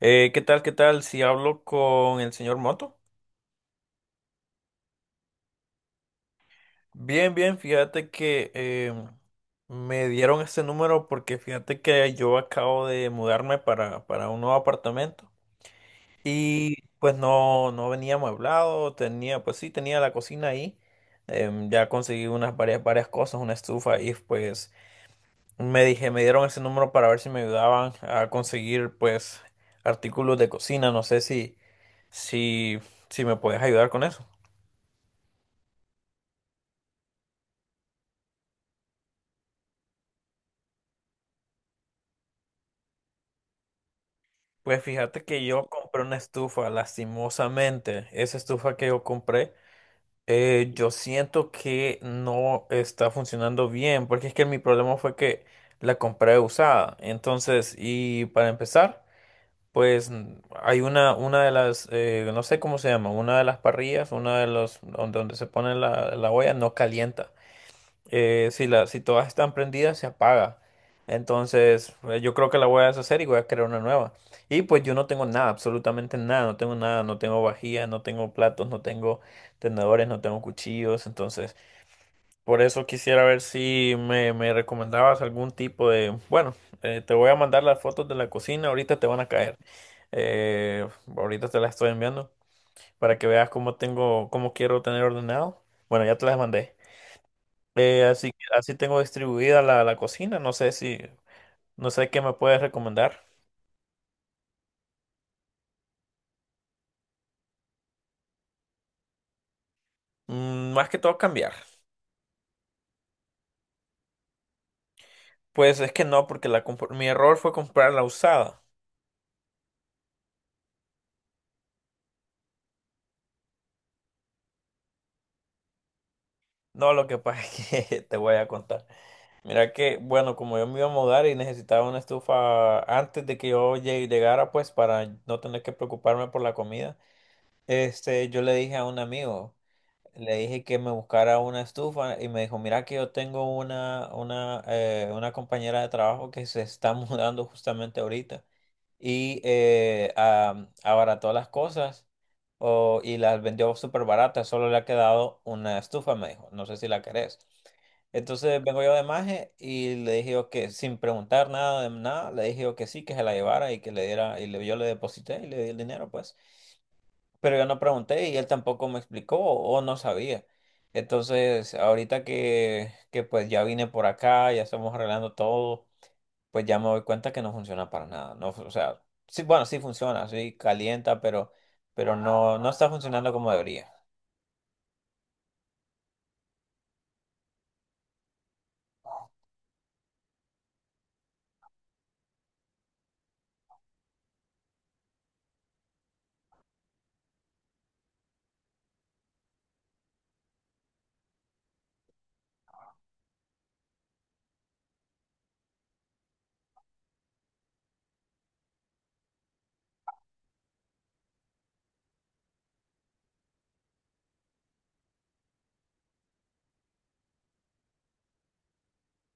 ¿Qué tal? ¿Qué tal? Si hablo con el señor Moto. Bien, bien, fíjate que me dieron este número porque fíjate que yo acabo de mudarme para un nuevo apartamento y pues no venía amueblado, tenía, pues sí, tenía la cocina ahí, ya conseguí unas varias cosas, una estufa y pues me dije, me dieron ese número para ver si me ayudaban a conseguir pues artículos de cocina, no sé si, si, si me puedes ayudar con eso. Pues fíjate que yo compré una estufa, lastimosamente. Esa estufa que yo compré, yo siento que no está funcionando bien, porque es que mi problema fue que la compré usada. Entonces, y para empezar, pues hay una de las, no sé cómo se llama, una de las parrillas, una de los, donde se pone la olla, no calienta si, la, si todas están prendidas, se apaga. Entonces, yo creo que la voy a deshacer y voy a crear una nueva. Y pues yo no tengo nada, absolutamente nada, no tengo nada, no tengo vajilla, no tengo platos, no tengo tenedores, no tengo cuchillos. Entonces, por eso quisiera ver si me, me recomendabas algún tipo de... Bueno, te voy a mandar las fotos de la cocina, ahorita te van a caer. Eh, ahorita te las estoy enviando para que veas cómo tengo, cómo quiero tener ordenado. Bueno, ya te las mandé. Así, así tengo distribuida la cocina. No sé si, no sé qué me puedes recomendar. Mm, más que todo cambiar. Pues es que no, porque la, mi error fue comprar la usada. No, lo que pasa es que te voy a contar. Mira que, bueno, como yo me iba a mudar y necesitaba una estufa antes de que yo llegara, pues para no tener que preocuparme por la comida, este, yo le dije a un amigo. Le dije que me buscara una estufa y me dijo, mira que yo tengo una compañera de trabajo que se está mudando justamente ahorita y abarató las cosas y las vendió súper baratas, solo le ha quedado una estufa, me dijo, no sé si la querés. Entonces vengo yo de maje y le dije yo que sin preguntar nada de nada, le dije yo que sí, que se la llevara y que le diera, y yo le deposité y le di el dinero, pues pero yo no pregunté y él tampoco me explicó o no sabía. Entonces, ahorita que pues ya vine por acá, ya estamos arreglando todo, pues ya me doy cuenta que no funciona para nada. No, o sea, sí, bueno, sí funciona, sí calienta, pero no, no está funcionando como debería.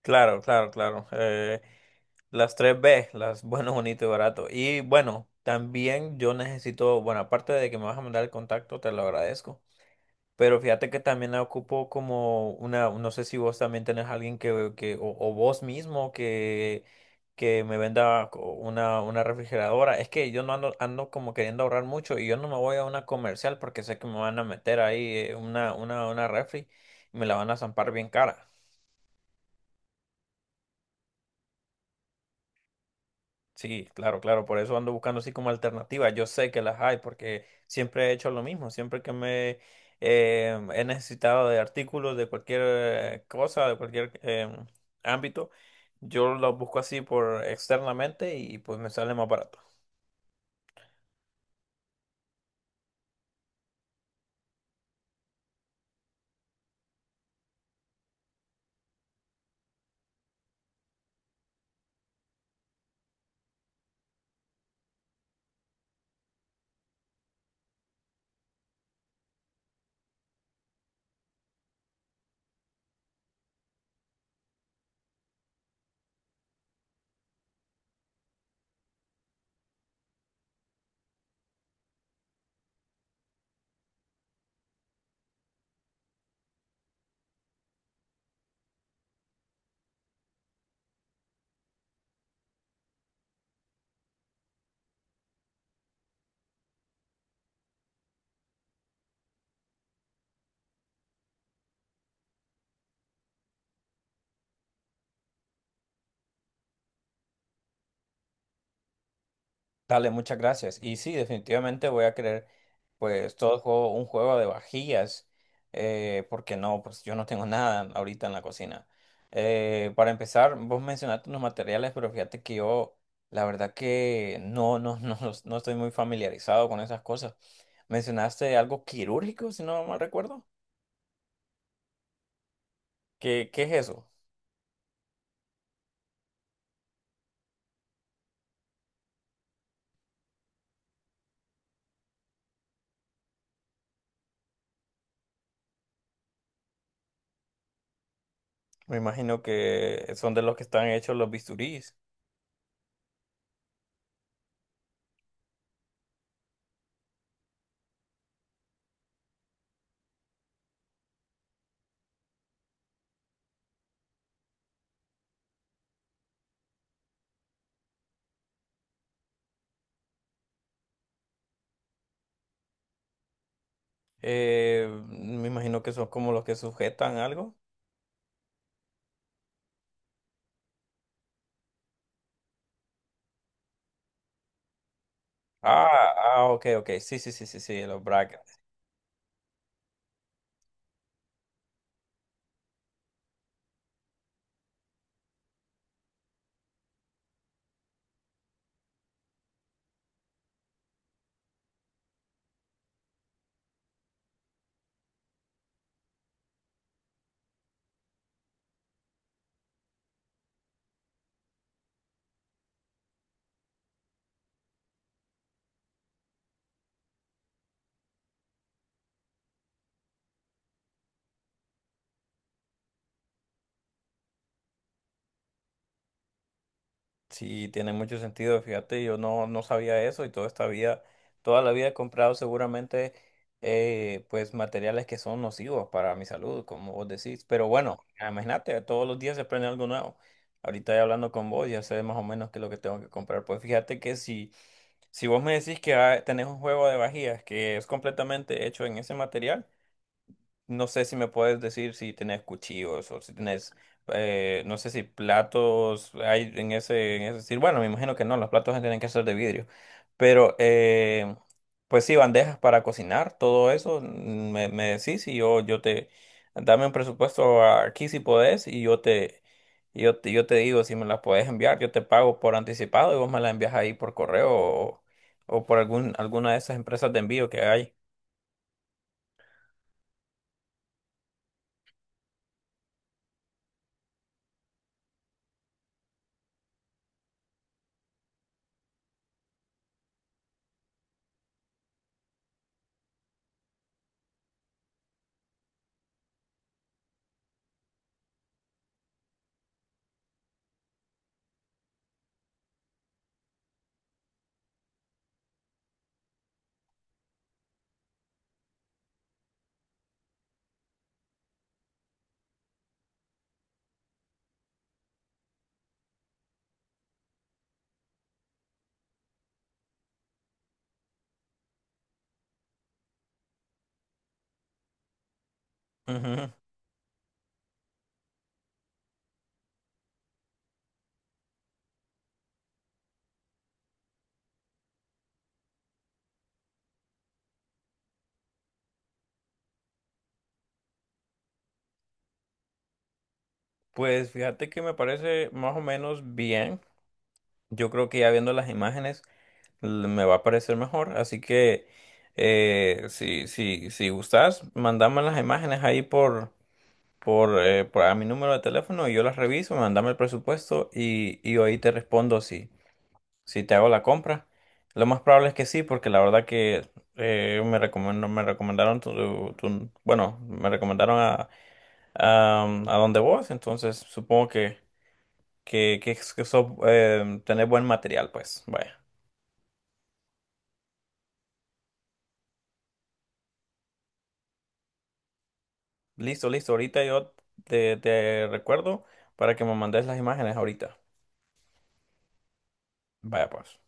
Claro, claro, claro. Las tres b las bueno, bonito y barato. Y bueno, también yo necesito, bueno, aparte de que me vas a mandar el contacto, te lo agradezco. Pero fíjate que también la ocupo como una, no sé si vos también tenés alguien que o vos mismo que me venda una refrigeradora. Es que yo no ando, ando como queriendo ahorrar mucho y yo no me voy a una comercial porque sé que me van a meter ahí una refri y me la van a zampar bien cara. Sí, claro, claro, por eso ando buscando así como alternativas. Yo sé que las hay porque siempre he hecho lo mismo, siempre que me he necesitado de artículos de cualquier cosa, de cualquier ámbito, yo los busco así por externamente y pues me sale más barato. Dale, muchas gracias. Y sí, definitivamente voy a querer, pues, todo juego, un juego de vajillas, porque no, pues yo no tengo nada ahorita en la cocina. Para empezar, vos mencionaste unos materiales, pero fíjate que yo, la verdad que no, no, no, no estoy muy familiarizado con esas cosas. Mencionaste algo quirúrgico, si no mal recuerdo. ¿Qué, qué es eso? Me imagino que son de los que están hechos los bisturís. Me imagino que son como los que sujetan algo. Ah, ah, ok, ok. Sí, sí, sí, sí, sí, los brackets. Sí, tiene mucho sentido. Fíjate, yo no, no sabía eso y toda esta vida, toda la vida he comprado seguramente pues materiales que son nocivos para mi salud, como vos decís. Pero bueno, imagínate, todos los días se aprende algo nuevo. Ahorita ya hablando con vos, ya sé más o menos qué es lo que tengo que comprar. Pues fíjate que si, si vos me decís que ah, tenés un juego de vajillas que es completamente hecho en ese material, no sé si me puedes decir si tenés cuchillos o si tenés, no sé si platos hay en ese decir, bueno, me imagino que no, los platos tienen que ser de vidrio, pero pues sí, bandejas para cocinar, todo eso, mm, me decís y yo te, dame un presupuesto aquí si podés y yo te digo si me las podés enviar, yo te pago por anticipado y vos me las envías ahí por correo o por algún, alguna de esas empresas de envío que hay. Pues fíjate que me parece más o menos bien. Yo creo que ya viendo las imágenes me va a parecer mejor. Así que si, si, si gustas, mandame las imágenes ahí por a mi número de teléfono y yo las reviso, mandame el presupuesto y ahí te respondo si, si te hago la compra. Lo más probable es que sí, porque la verdad que me recomendó, me recomendaron bueno, me recomendaron a donde vos, entonces supongo que, que tener buen material, pues. Vaya. Listo, listo. Ahorita yo te, te recuerdo para que me mandes las imágenes ahorita. Vaya, pues.